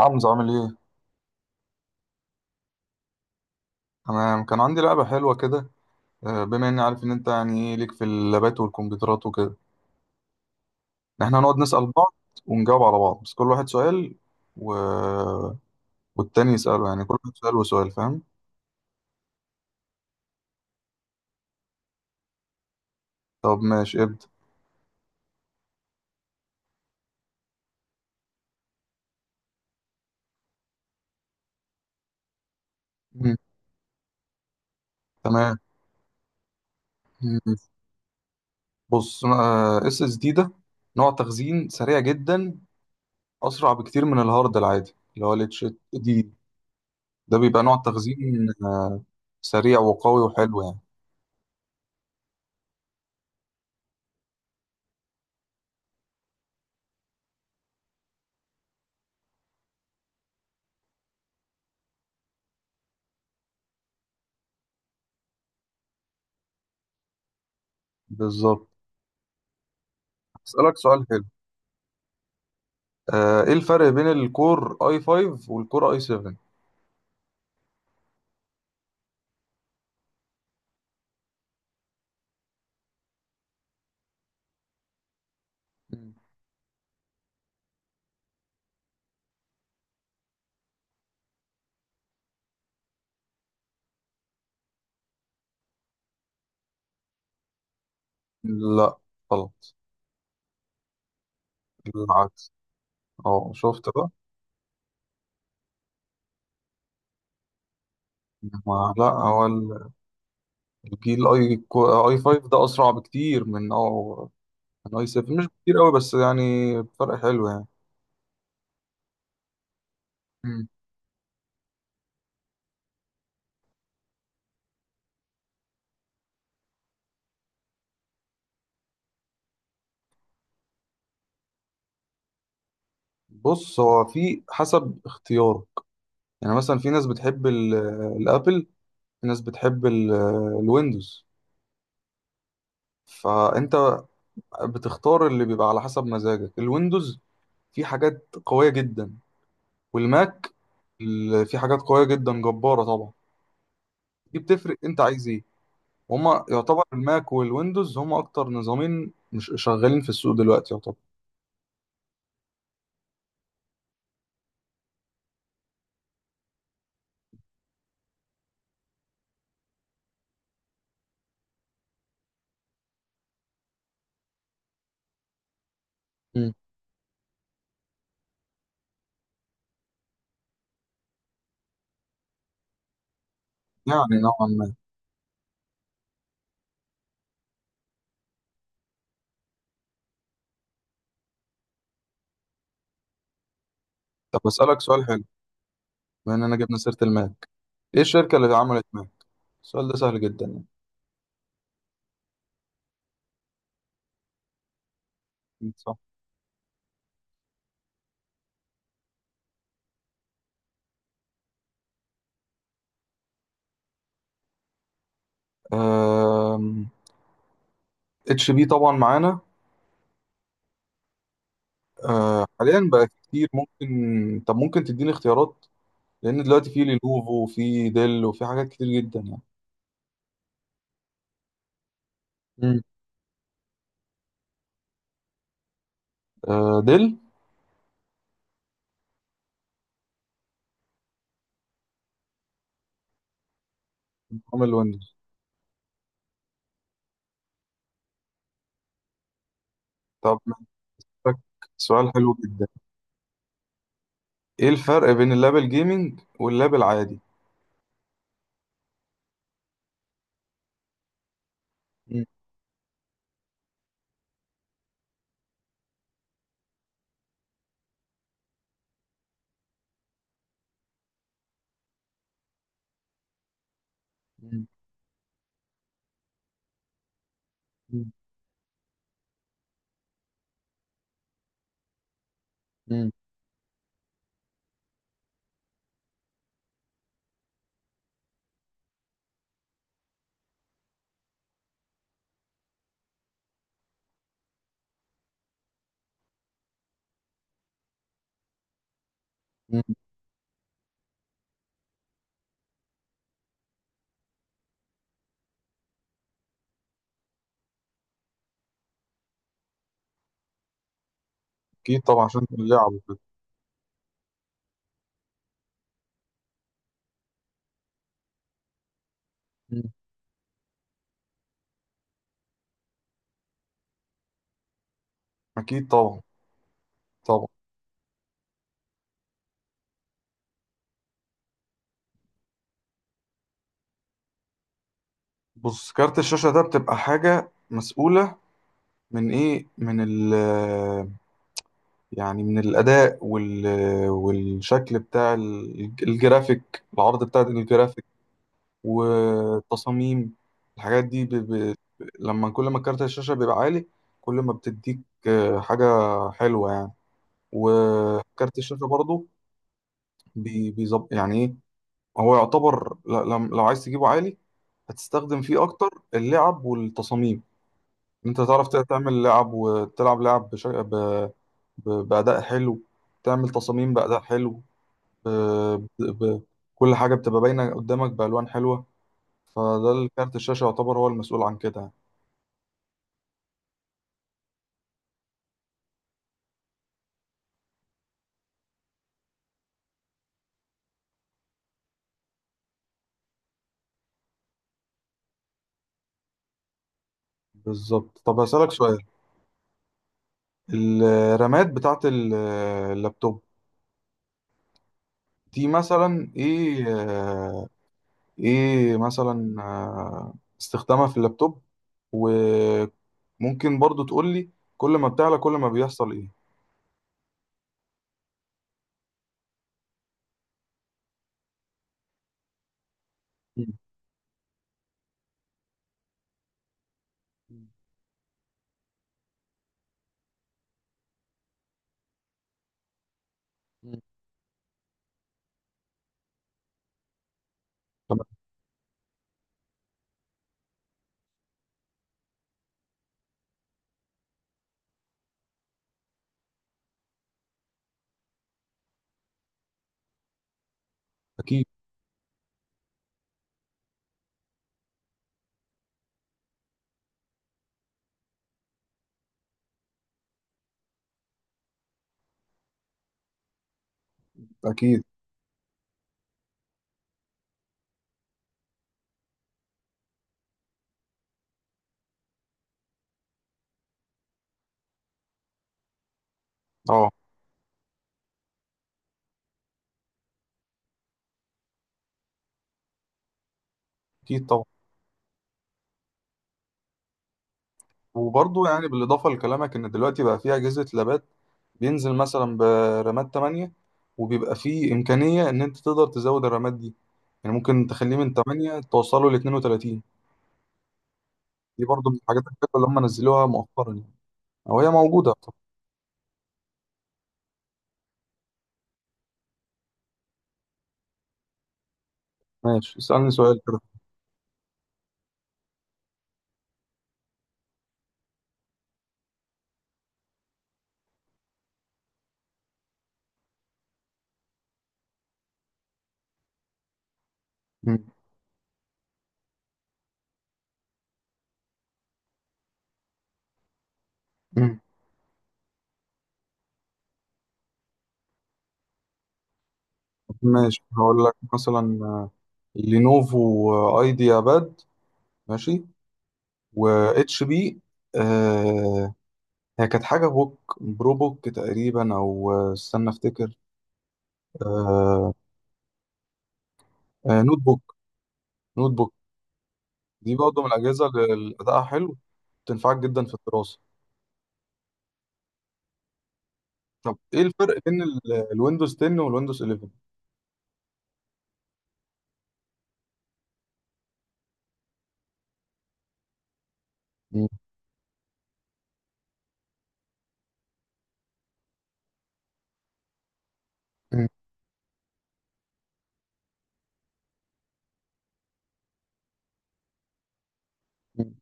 حمزة عامل ايه؟ انا كان عندي لعبة حلوة كده. بما اني عارف ان انت يعني ايه ليك في اللابات والكمبيوترات وكده، ان احنا هنقعد نسأل بعض ونجاوب على بعض بس كل واحد سؤال و... والتاني يسأله، يعني كل واحد سؤال وسؤال، فاهم؟ طب ماشي ابدأ. مم. تمام. مم. بص، اس اس دي ده نوع تخزين سريع جدا، اسرع بكتير من الهارد العادي اللي هو الاتش دي. ده بيبقى نوع تخزين سريع وقوي وحلو يعني. بالظبط. هسألك سؤال حلو. ايه الفرق بين الكور اي 5 والكور اي 7؟ مم. لا، غلط. العكس. اه، شفت بقى؟ ما لا، هو الجيل اي 5 ده اسرع بكتير من اي 7، مش بكتير قوي بس يعني فرق حلو يعني. مم. بص، هو في حسب اختيارك. يعني مثلا في ناس بتحب الابل، في ناس بتحب الويندوز. فانت بتختار اللي بيبقى على حسب مزاجك. الويندوز في حاجات قوية جدا، والماك في حاجات قوية جدا جبارة طبعا. دي بتفرق انت عايز ايه. وهما يعتبر الماك والويندوز هما اكتر نظامين مش شغالين في السوق دلوقتي يعتبر. مم. يعني نوعا ما. طب اسألك سؤال حلو، بما اننا جبنا سيرة الماك. ايه الشركة اللي عملت ماك؟ السؤال ده سهل جدا. يعني صح. آم، اتش بي طبعا معانا. حاليا بقى كتير ممكن. طب ممكن تديني اختيارات، لان دلوقتي في لينوفو وفي ديل وفي حاجات كتير جدا يعني. مم. ديل. عمل ويندوز. طب فك. سؤال حلو جدا. ايه الفرق بين اللاب الجيمنج واللاب العادي؟ مم. مم. مم. مم. مم. اكيد طبعا عشان اللعب وكده. مم. اكيد طبعا. طبعا. بص، كارت الشاشة ده بتبقى حاجة مسؤولة من ايه، من ال آه، يعني من الاداء والشكل بتاع الجرافيك، العرض بتاع الجرافيك والتصاميم. الحاجات دي. لما كل ما كارت الشاشة بيبقى عالي، كل ما بتديك حاجة حلوة يعني. وكارت الشاشة برضه بيظب يعني ايه. هو يعتبر لو عايز تجيبه عالي، هتستخدم فيه اكتر اللعب والتصاميم. انت تعرف تعمل لعب وتلعب لعب بأداء حلو، تعمل تصاميم بأداء حلو. ب... ب... ب... كل حاجة بتبقى باينة قدامك بألوان حلوة. فده الكارت الشاشة يعتبر هو المسؤول عن كده يعني. بالظبط. طب هسألك سؤال. الرامات بتاعت اللابتوب دي مثلا ايه؟ ايه مثلا استخدامها في اللابتوب؟ وممكن برضو تقول لي، كل ما بتعلى كل ما بيحصل ايه؟ مم. مم. تمام. اكيد. اكيد. اه. اكيد طبعا. وبرضو يعني بالاضافه لكلامك ان دلوقتي بقى في اجهزه لابات بينزل مثلا برامات 8، وبيبقى في امكانيه ان انت تقدر تزود الرامات دي. يعني ممكن تخليه من 8 توصله ل 32. دي برضو من الحاجات الحلوه اللي هم نزلوها مؤخرا يعني، او هي موجوده. طب ماشي، اسالني سؤال كده. مم. ماشي، هقول لك مثلا لينوفو ايديا باد. ماشي. و اتش بي. آه هي كانت حاجه بوك برو بوك تقريبا، او استنى افتكر. آه نوت بوك. نوت بوك. دي برضه من الاجهزه اللي ادائها حلو. تنفعك جدا في الدراسه. طب ايه الفرق بين الويندوز 10 والويندوز 11؟ مم. مم.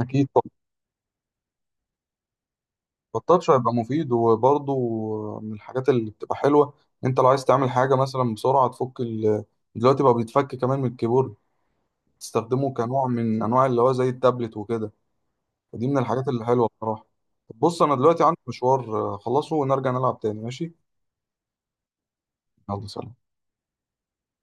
اكيد. التاتش هيبقى مفيد، وبرضه من الحاجات اللي بتبقى حلوة. انت لو عايز تعمل حاجة مثلا بسرعة، تفك. دلوقتي بقى بيتفك كمان من الكيبورد، تستخدمه كنوع من انواع اللي هو زي التابلت وكده. فدي من الحاجات اللي حلوة بصراحة. طب بص، انا دلوقتي عندي مشوار اخلصه ونرجع نلعب تاني، ماشي. يلا سلام.